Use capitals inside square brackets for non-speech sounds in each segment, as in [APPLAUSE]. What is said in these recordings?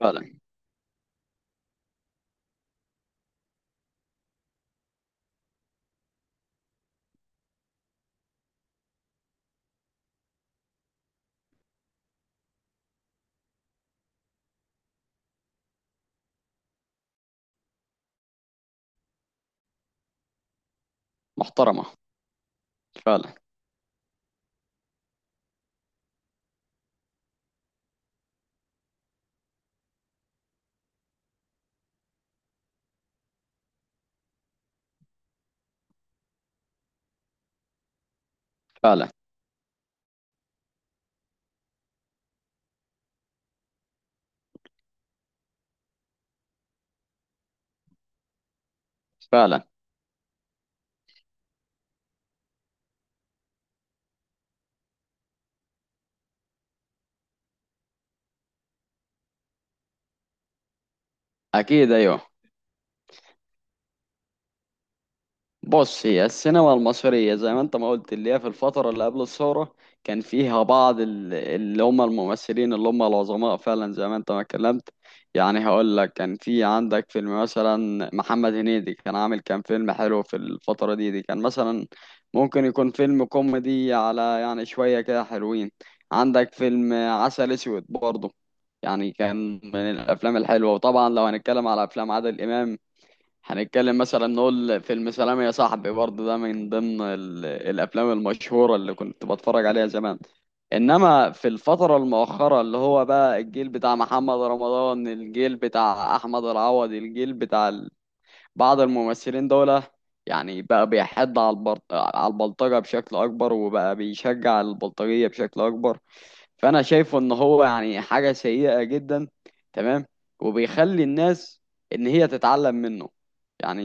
فعلا. محترمة. فعلا. فعلا. فعلا. أكيد. أيوه. بص، هي السينما المصرية زي ما انت ما قلت اللي هي في الفترة اللي قبل الثورة كان فيها بعض اللي هم الممثلين اللي هم العظماء فعلا زي ما انت ما اتكلمت. يعني هقول لك كان في عندك فيلم مثلا محمد هنيدي كان فيلم حلو في الفترة دي كان مثلا ممكن يكون فيلم كوميدي على يعني شوية كده حلوين. عندك فيلم عسل اسود برضه، يعني كان من الافلام الحلوة. وطبعا لو هنتكلم على افلام عادل امام هنتكلم مثلا نقول فيلم سلام يا صاحبي برضه، ده من ضمن الافلام المشهوره اللي كنت بتفرج عليها زمان. انما في الفتره المؤخره اللي هو بقى الجيل بتاع محمد رمضان، الجيل بتاع احمد العوضي، الجيل بتاع بعض الممثلين دول، يعني بقى بيحد على على البلطجة بشكل أكبر، وبقى بيشجع البلطجية بشكل أكبر. فأنا شايفه إن هو يعني حاجة سيئة جدا. تمام. وبيخلي الناس إن هي تتعلم منه، يعني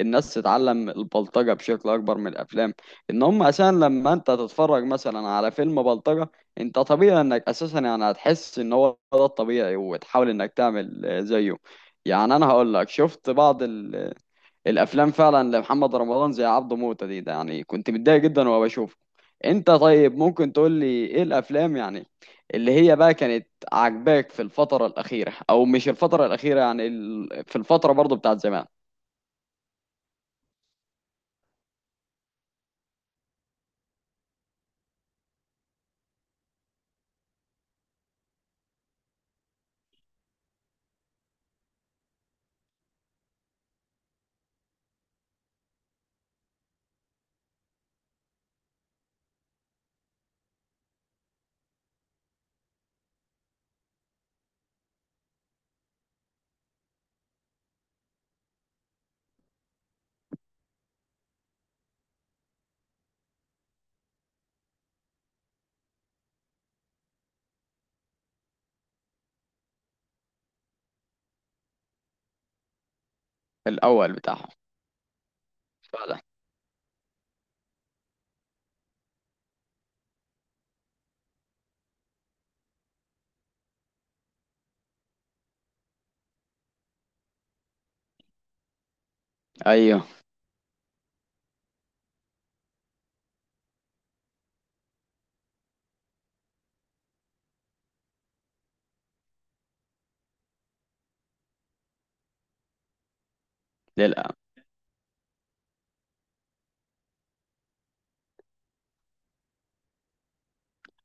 الناس تتعلم البلطجة بشكل أكبر من الأفلام. إن هم أساسا لما أنت تتفرج مثلا على فيلم بلطجة، أنت طبيعي إنك أساسا يعني هتحس إن هو ده الطبيعي وتحاول إنك تعمل زيه. يعني أنا هقول لك شفت بعض الافلام فعلا لمحمد رمضان زي عبده موتة دي، ده يعني كنت متضايق جدا وانا بشوفه. انت طيب ممكن تقول لي ايه الافلام يعني اللي هي بقى كانت عاجباك في الفترة الأخيرة، أو مش الفترة الأخيرة يعني في الفترة برضو بتاعت زمان. الأول بتاعهم. فعلا. أيوه. للأ.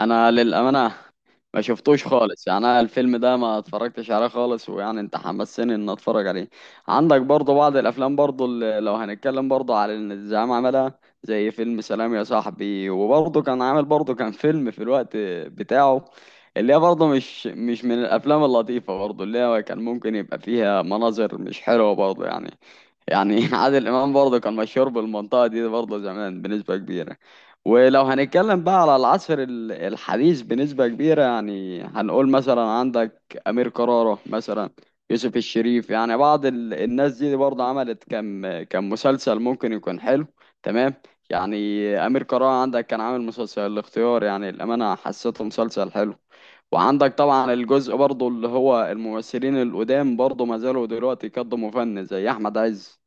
انا للامانه ما شفتوش خالص، يعني انا الفيلم ده ما اتفرجتش عليه خالص، ويعني انت حمسني ان اتفرج عليه. عندك برضه بعض الافلام برضه اللي لو هنتكلم برضه على ان الزعيم عملها زي فيلم سلام يا صاحبي، وبرضه كان عامل برضه كان فيلم في الوقت بتاعه اللي هي برضه مش من الافلام اللطيفه برضه، اللي هي كان ممكن يبقى فيها مناظر مش حلوه برضه يعني. يعني [LAUGHS] عادل امام برضه كان مشهور بالمنطقه دي برضه زمان بنسبه كبيره. ولو هنتكلم بقى على العصر الحديث بنسبه كبيره، يعني هنقول مثلا عندك امير كرارة مثلا، يوسف الشريف، يعني بعض الناس دي برضه عملت كم كم مسلسل ممكن يكون حلو. تمام. يعني امير كرارة عندك كان عامل مسلسل الاختيار، يعني الامانه حسيته مسلسل حلو. وعندك طبعا الجزء برضه اللي هو الممثلين القدام برضه ما زالوا دلوقتي يقدموا فن زي احمد عز،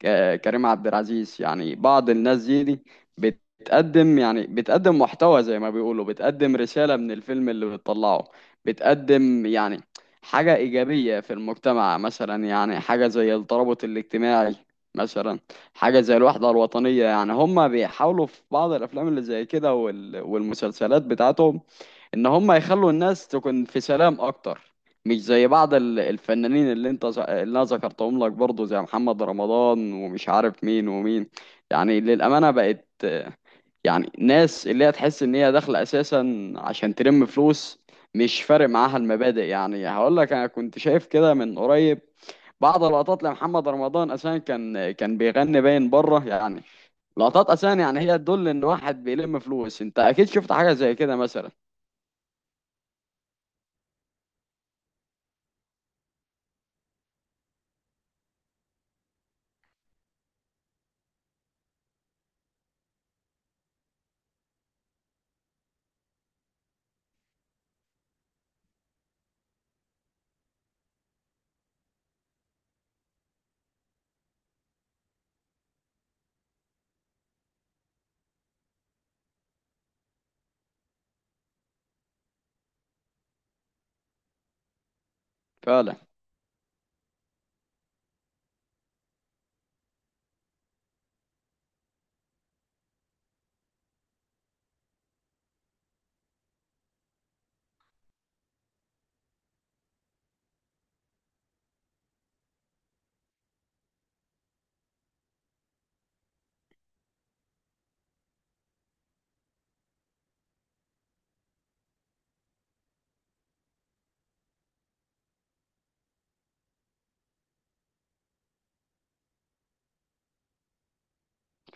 كريم عبد العزيز، يعني بعض الناس دي بتقدم يعني بتقدم محتوى زي ما بيقولوا، بتقدم رسالة من الفيلم اللي بتطلعه، بتقدم يعني حاجة إيجابية في المجتمع مثلا، يعني حاجة زي الترابط الاجتماعي مثلا، حاجة زي الوحدة الوطنية. يعني هما بيحاولوا في بعض الأفلام اللي زي كده والمسلسلات بتاعتهم ان هم يخلوا الناس تكون في سلام اكتر، مش زي بعض الفنانين اللي انت اللي انا ذكرتهم لك برضه زي محمد رمضان ومش عارف مين ومين. يعني للامانه بقت يعني ناس اللي هي تحس ان هي داخله اساسا عشان تلم فلوس، مش فارق معاها المبادئ. يعني هقول لك انا كنت شايف كده من قريب بعض اللقطات لمحمد رمضان، اساسا كان بيغني باين بره يعني، لقطات اساسا يعني هي تدل ان واحد بيلم فلوس. انت اكيد شفت حاجه زي كده مثلا. فعلا.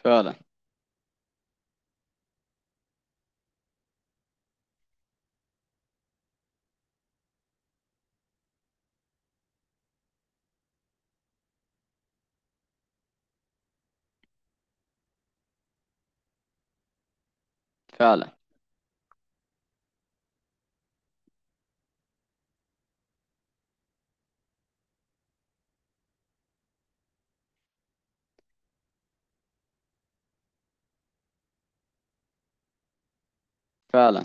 فعلا. فعلا. فعلا.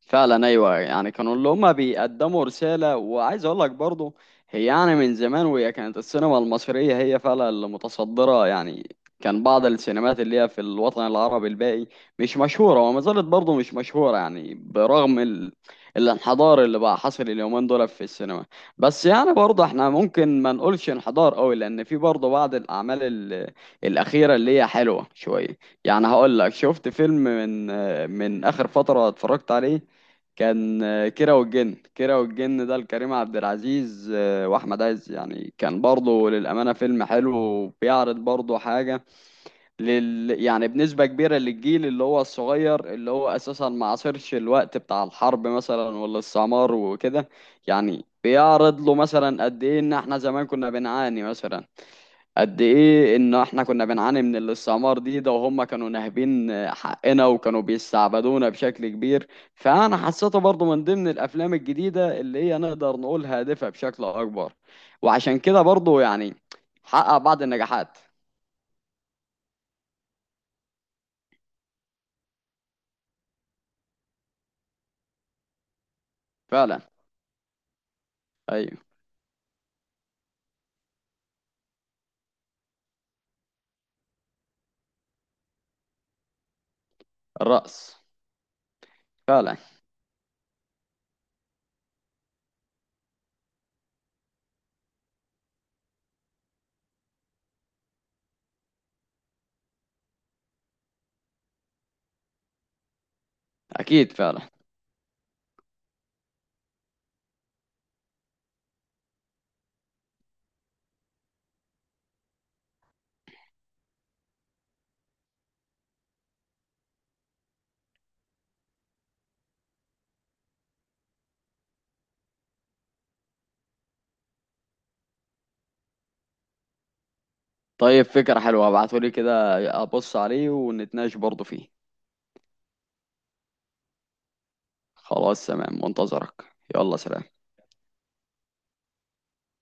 فعلا. ايوه، يعني كانوا اللي هما بيقدموا رساله. وعايز اقول لك برضه، هي يعني من زمان وهي كانت السينما المصريه هي فعلا اللي متصدره، يعني كان بعض السينمات اللي هي في الوطن العربي الباقي مش مشهوره وما زالت برضه مش مشهوره. يعني برغم الانحدار اللي بقى حصل اليومين دول في السينما، بس يعني برضه احنا ممكن ما نقولش انحدار قوي لان في برضه بعض الاعمال الاخيره اللي هي حلوه شويه. يعني هقول لك شفت فيلم من اخر فتره اتفرجت عليه، كان كيرة والجن، كيرة والجن ده لكريم عبد العزيز واحمد عز، يعني كان برضه للامانه فيلم حلو، وبيعرض برضه حاجه يعني بنسبه كبيره للجيل اللي هو الصغير، اللي هو اساسا ما عاصرش الوقت بتاع الحرب مثلا والاستعمار وكده. يعني بيعرض له مثلا قد ايه ان احنا زمان كنا بنعاني مثلا، قد ايه ان احنا كنا بنعاني من الاستعمار دي، ده وهم كانوا ناهبين حقنا وكانوا بيستعبدونا بشكل كبير. فانا حسيته برضو من ضمن الافلام الجديدة اللي هي نقدر نقول هادفة بشكل اكبر، وعشان كده برضو يعني حقق بعض النجاحات. فعلا. ايوه. الرأس. فعلا. اكيد. فعلا. طيب، فكرة حلوة. ابعتولي كده، ابص عليه ونتناقش برضو فيه. خلاص، تمام، منتظرك. يلا سلام.